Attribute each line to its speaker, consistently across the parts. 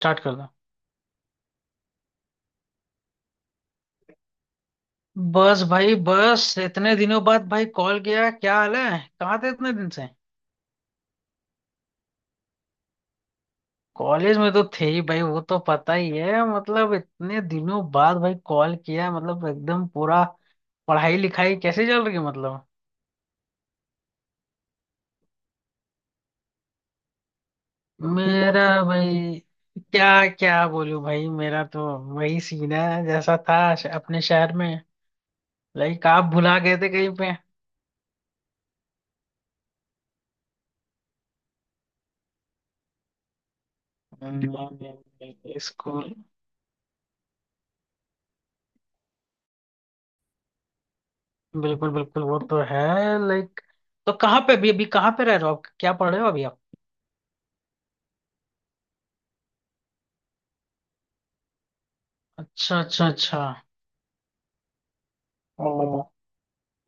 Speaker 1: Start कर दो। बस भाई बस इतने दिनों बाद भाई कॉल किया, क्या हाल है? कहाँ थे इतने दिन से? कॉलेज में तो थे ही भाई, वो तो पता ही है। मतलब इतने दिनों बाद भाई कॉल किया मतलब एकदम पूरा पढ़ाई लिखाई कैसे चल रही है मतलब? मेरा भाई क्या क्या बोलूं भाई? मेरा तो वही सीन है जैसा था अपने शहर में। लाइक आप भुला गए थे कहीं पे? स्कूल। बिल्कुल बिल्कुल, वो तो है। लाइक, तो कहाँ पे अभी अभी कहाँ पे रह रहे हो आप? क्या पढ़ रहे हो अभी आप? अच्छा अच्छा अच्छा। ओ,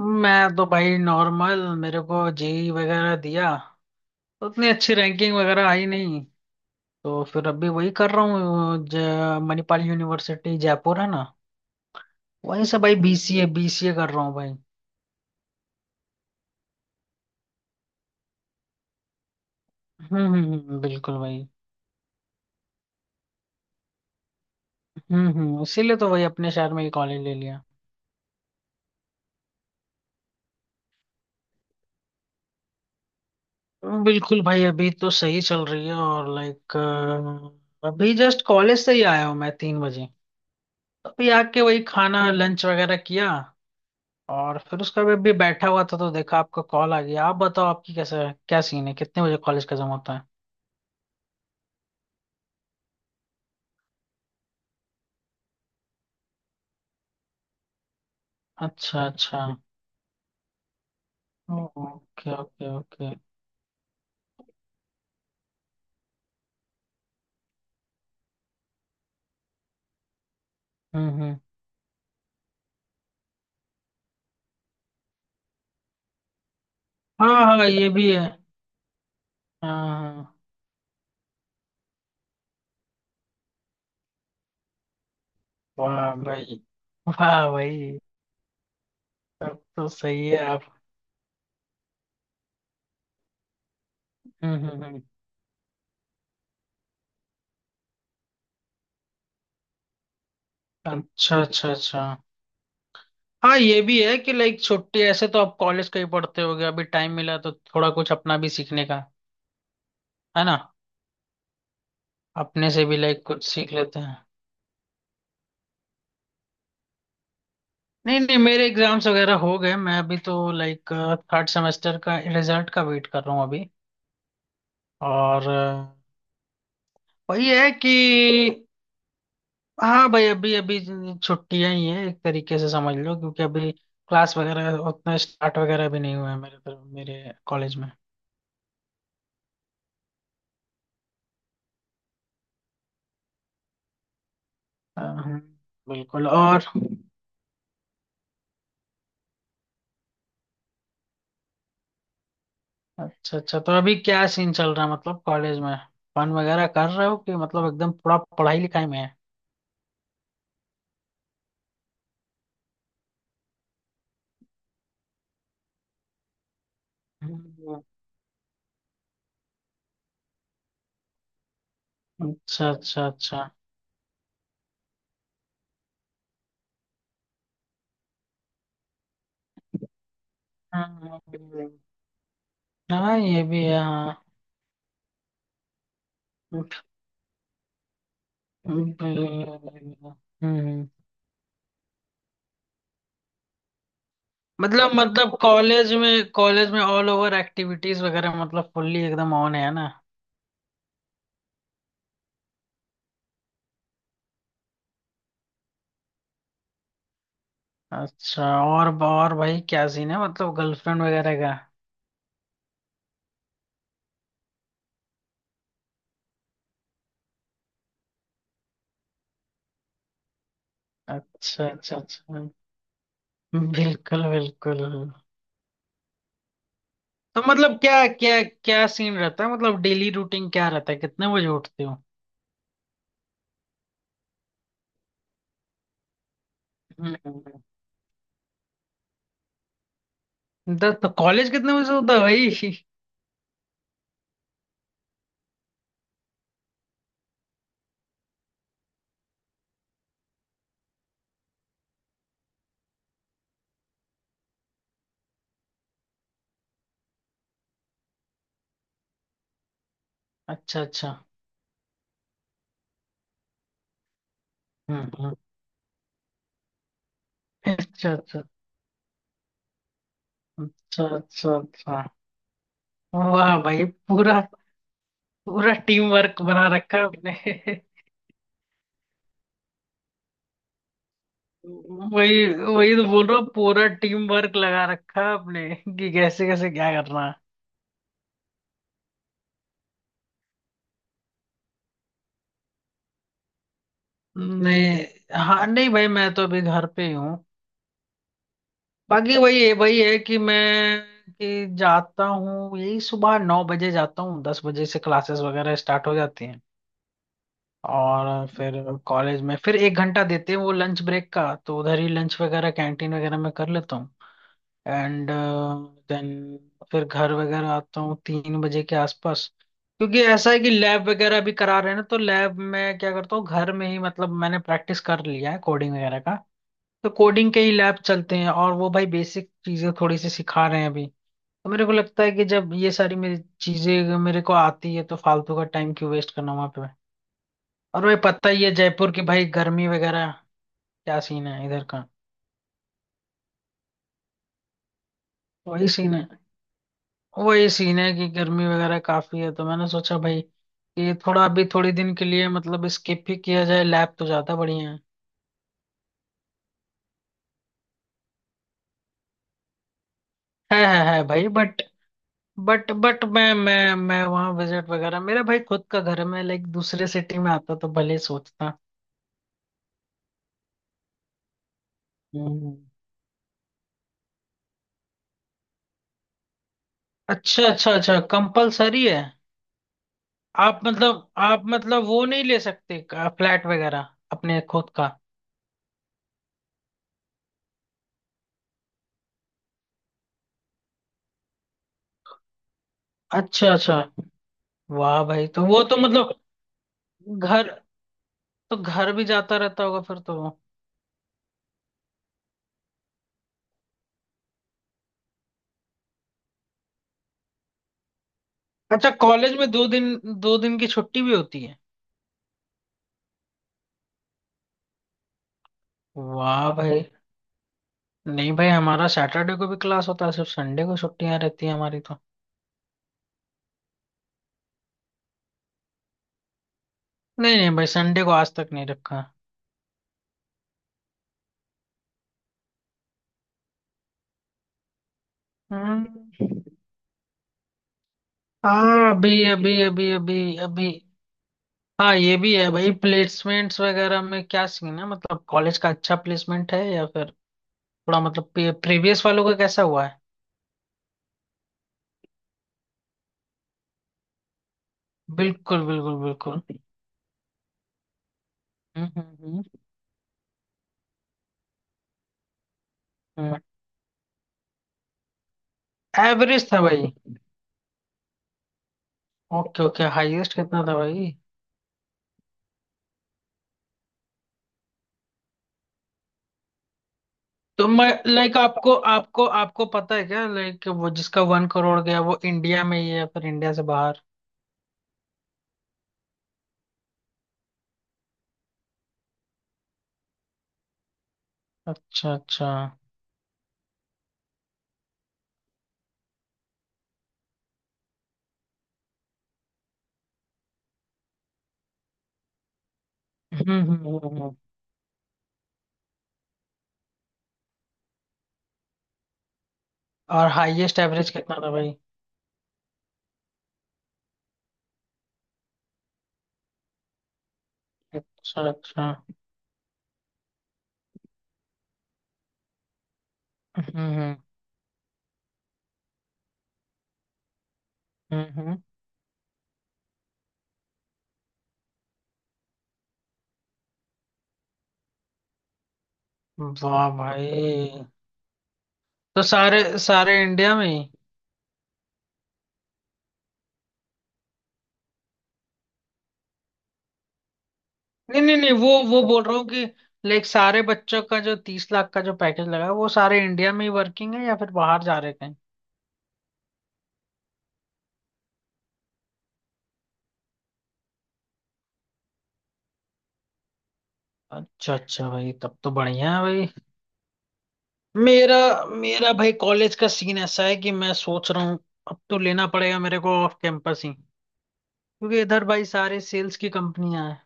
Speaker 1: मैं तो भाई नॉर्मल, मेरे को जेई वगैरह दिया, उतनी अच्छी रैंकिंग वगैरह आई नहीं। तो फिर अभी वही कर रहा हूँ। मणिपाल यूनिवर्सिटी जयपुर है ना, वहीं से भाई बीसीए बीसीए कर रहा हूँ भाई। बिल्कुल भाई। हम्म, इसीलिए तो वही अपने शहर में ही कॉलेज ले लिया। बिल्कुल भाई, अभी तो सही चल रही है। और लाइक, अभी जस्ट कॉलेज से ही आया हूँ मैं 3 बजे। अभी आके वही खाना लंच वगैरह किया और फिर उसका भी अभी बैठा हुआ था तो देखा आपका कॉल आ गया। आप बताओ आपकी कैसा क्या सीन है? कितने बजे कॉलेज खत्म होता है? अच्छा अच्छा। Okay okay okay. हम्म। हाँ हाँ ये भी है, हाँ। हाँ। वाह भाई। वाह भाई। तब तो सही है आप। हम्म हम्म हम्म। अच्छा अच्छा अच्छा। हाँ ये भी है कि लाइक, छुट्टी ऐसे तो आप कॉलेज का ही पढ़ते होगे, अभी टाइम मिला तो थोड़ा कुछ अपना भी सीखने का, है ना? अपने से भी लाइक कुछ सीख लेते हैं। नहीं नहीं, मेरे एग्जाम्स वगैरह हो गए। मैं अभी तो लाइक, थर्ड सेमेस्टर का रिजल्ट का वेट कर रहा हूँ अभी। और वही है कि हाँ भाई, अभी अभी छुट्टियां ही है एक तरीके से समझ लो, क्योंकि अभी क्लास वगैरह उतना स्टार्ट वगैरह भी नहीं हुआ है मेरे तरफ मेरे कॉलेज में। अ, हम्म, बिल्कुल। और, अच्छा अच्छा, तो अभी क्या सीन चल रहा है मतलब कॉलेज में? फन वगैरह कर रहे हो कि मतलब एकदम पूरा पढ़ाई लिखाई में है? हम्म, अच्छा अच्छा अच्छा। हम्म, हाँ ये भी है हाँ। हम्म। मतलब मतलब कॉलेज में, कॉलेज में ऑल ओवर एक्टिविटीज वगैरह मतलब फुल्ली एकदम ऑन है ना? अच्छा, और भाई क्या सीन है मतलब गर्लफ्रेंड वगैरह का? अच्छा अच्छा अच्छा। बिल्कुल बिल्कुल। तो मतलब क्या क्या क्या सीन रहता है? मतलब डेली रूटीन क्या रहता है? कितने बजे उठते हो? हम्म। तो कॉलेज कितने बजे से होता है भाई? अच्छा अच्छा। हम्म हम्म। अच्छा अच्छा अच्छा। अच्छा अच्छा। वाह भाई, पूरा पूरा टीम वर्क बना रखा है आपने। वही वही तो बोल रहा हूँ, पूरा टीम वर्क लगा रखा है आपने कि कैसे कैसे क्या करना है। नहीं हाँ, नहीं भाई मैं तो अभी घर पे ही हूँ। बाकी वही है कि मैं, कि जाता हूँ यही सुबह 9 बजे, जाता हूँ 10 बजे से क्लासेस वगैरह स्टार्ट हो जाती हैं। और फिर कॉलेज में फिर 1 घंटा देते हैं वो लंच ब्रेक का, तो उधर ही लंच वगैरह कैंटीन वगैरह में कर लेता हूँ। एंड देन फिर घर वगैरह आता हूँ 3 बजे के आसपास, क्योंकि ऐसा है कि लैब वगैरह भी करा रहे हैं ना, तो लैब में क्या करता हूँ, घर में ही मतलब मैंने प्रैक्टिस कर लिया है कोडिंग वगैरह का। तो कोडिंग के ही लैब चलते हैं, और वो भाई बेसिक चीजें थोड़ी सी सिखा रहे हैं अभी। तो मेरे को लगता है कि जब ये सारी मेरी चीजें मेरे को आती है तो फालतू का टाइम क्यों वेस्ट करना वहां पे। और भाई पता ही है जयपुर की भाई गर्मी वगैरह, क्या सीन है इधर का? वही सीन है। वही सीन है कि गर्मी वगैरह काफी है, तो मैंने सोचा भाई कि थोड़ा अभी थोड़ी दिन के लिए मतलब स्किप ही किया जाए लैब, तो ज्यादा बढ़िया। है भाई, बट मैं वहाँ विजिट वगैरह, मेरा भाई खुद का घर है। मैं लाइक दूसरे सिटी में आता तो भले सोचता। हम्म। अच्छा अच्छा अच्छा, कंपलसरी है? आप मतलब, आप मतलब वो नहीं ले सकते फ्लैट वगैरह अपने खुद का? अच्छा अच्छा। वाह भाई, तो वो तो मतलब घर, तो घर भी जाता रहता होगा फिर तो वो। अच्छा, कॉलेज में दो दिन की छुट्टी भी होती है? वाह भाई। नहीं भाई, हमारा सैटरडे को भी क्लास होता है, सिर्फ संडे को छुट्टियां रहती है हमारी तो। नहीं नहीं भाई, संडे को आज तक नहीं रखा। हम्म। हाँ अभी अभी अभी अभी अभी। हाँ ये भी है भाई। प्लेसमेंट्स वगैरह में क्या सीन है, मतलब कॉलेज का अच्छा प्लेसमेंट है या फिर थोड़ा मतलब, प्रीवियस वालों का कैसा हुआ है? बिल्कुल बिल्कुल बिल्कुल। हम्म। एवरेज था भाई? ओके ओके, हाईएस्ट कितना था भाई? तो मैं लाइक, आपको आपको आपको पता है क्या लाइक वो जिसका 1 करोड़ गया वो इंडिया में ही है या फिर इंडिया से बाहर? अच्छा अच्छा। हम्म हम्म हम्म, हम्म। और हाईएस्ट एवरेज कितना था भाई? अच्छा अच्छा। हम्म हम्म हम्म, वाह भाई, तो सारे सारे इंडिया में ही? नहीं नहीं नहीं, वो बोल रहा हूँ कि लाइक, सारे बच्चों का जो 30 लाख का जो पैकेज लगा है वो सारे इंडिया में ही वर्किंग है या फिर बाहर जा रहे कहीं? अच्छा अच्छा भाई, तब तो बढ़िया है भाई। मेरा मेरा भाई कॉलेज का सीन ऐसा है कि मैं सोच रहा हूँ अब तो लेना पड़ेगा मेरे को ऑफ कैंपस ही, क्योंकि इधर भाई सारे सेल्स की कंपनियां हैं।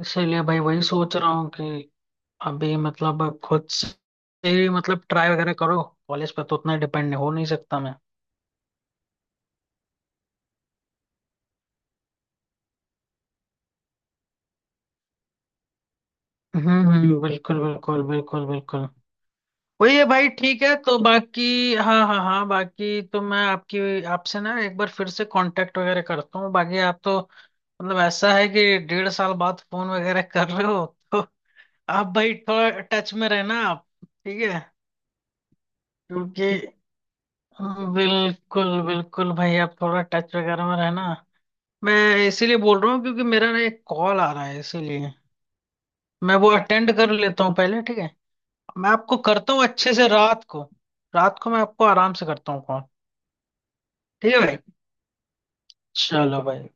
Speaker 1: इसीलिए भाई वही सोच रहा हूँ कि अभी मतलब खुद से ही, मतलब ट्राई वगैरह करो, कॉलेज पर तो उतना डिपेंड हो नहीं सकता मैं। बिल्कुल बिल्कुल बिल्कुल बिल्कुल। वही है भाई। ठीक है तो बाकी, हाँ हाँ हाँ, बाकी तो मैं आपकी, आपसे ना एक बार फिर से कांटेक्ट वगैरह करता हूँ। बाकी आप तो, मतलब ऐसा है कि 1.5 साल बाद फोन वगैरह कर रहे हो। तो आप भाई थोड़ा टच में रहना आप, ठीक है? क्योंकि, बिल्कुल बिल्कुल भाई आप थोड़ा टच वगैरह में रहना। मैं इसीलिए बोल रहा हूँ क्योंकि मेरा ना एक कॉल आ रहा है, इसीलिए मैं वो अटेंड कर लेता हूँ पहले, ठीक है? मैं आपको करता हूँ अच्छे से रात को। रात को मैं आपको आराम से करता हूँ कॉल। ठीक है भाई। चलो भाई।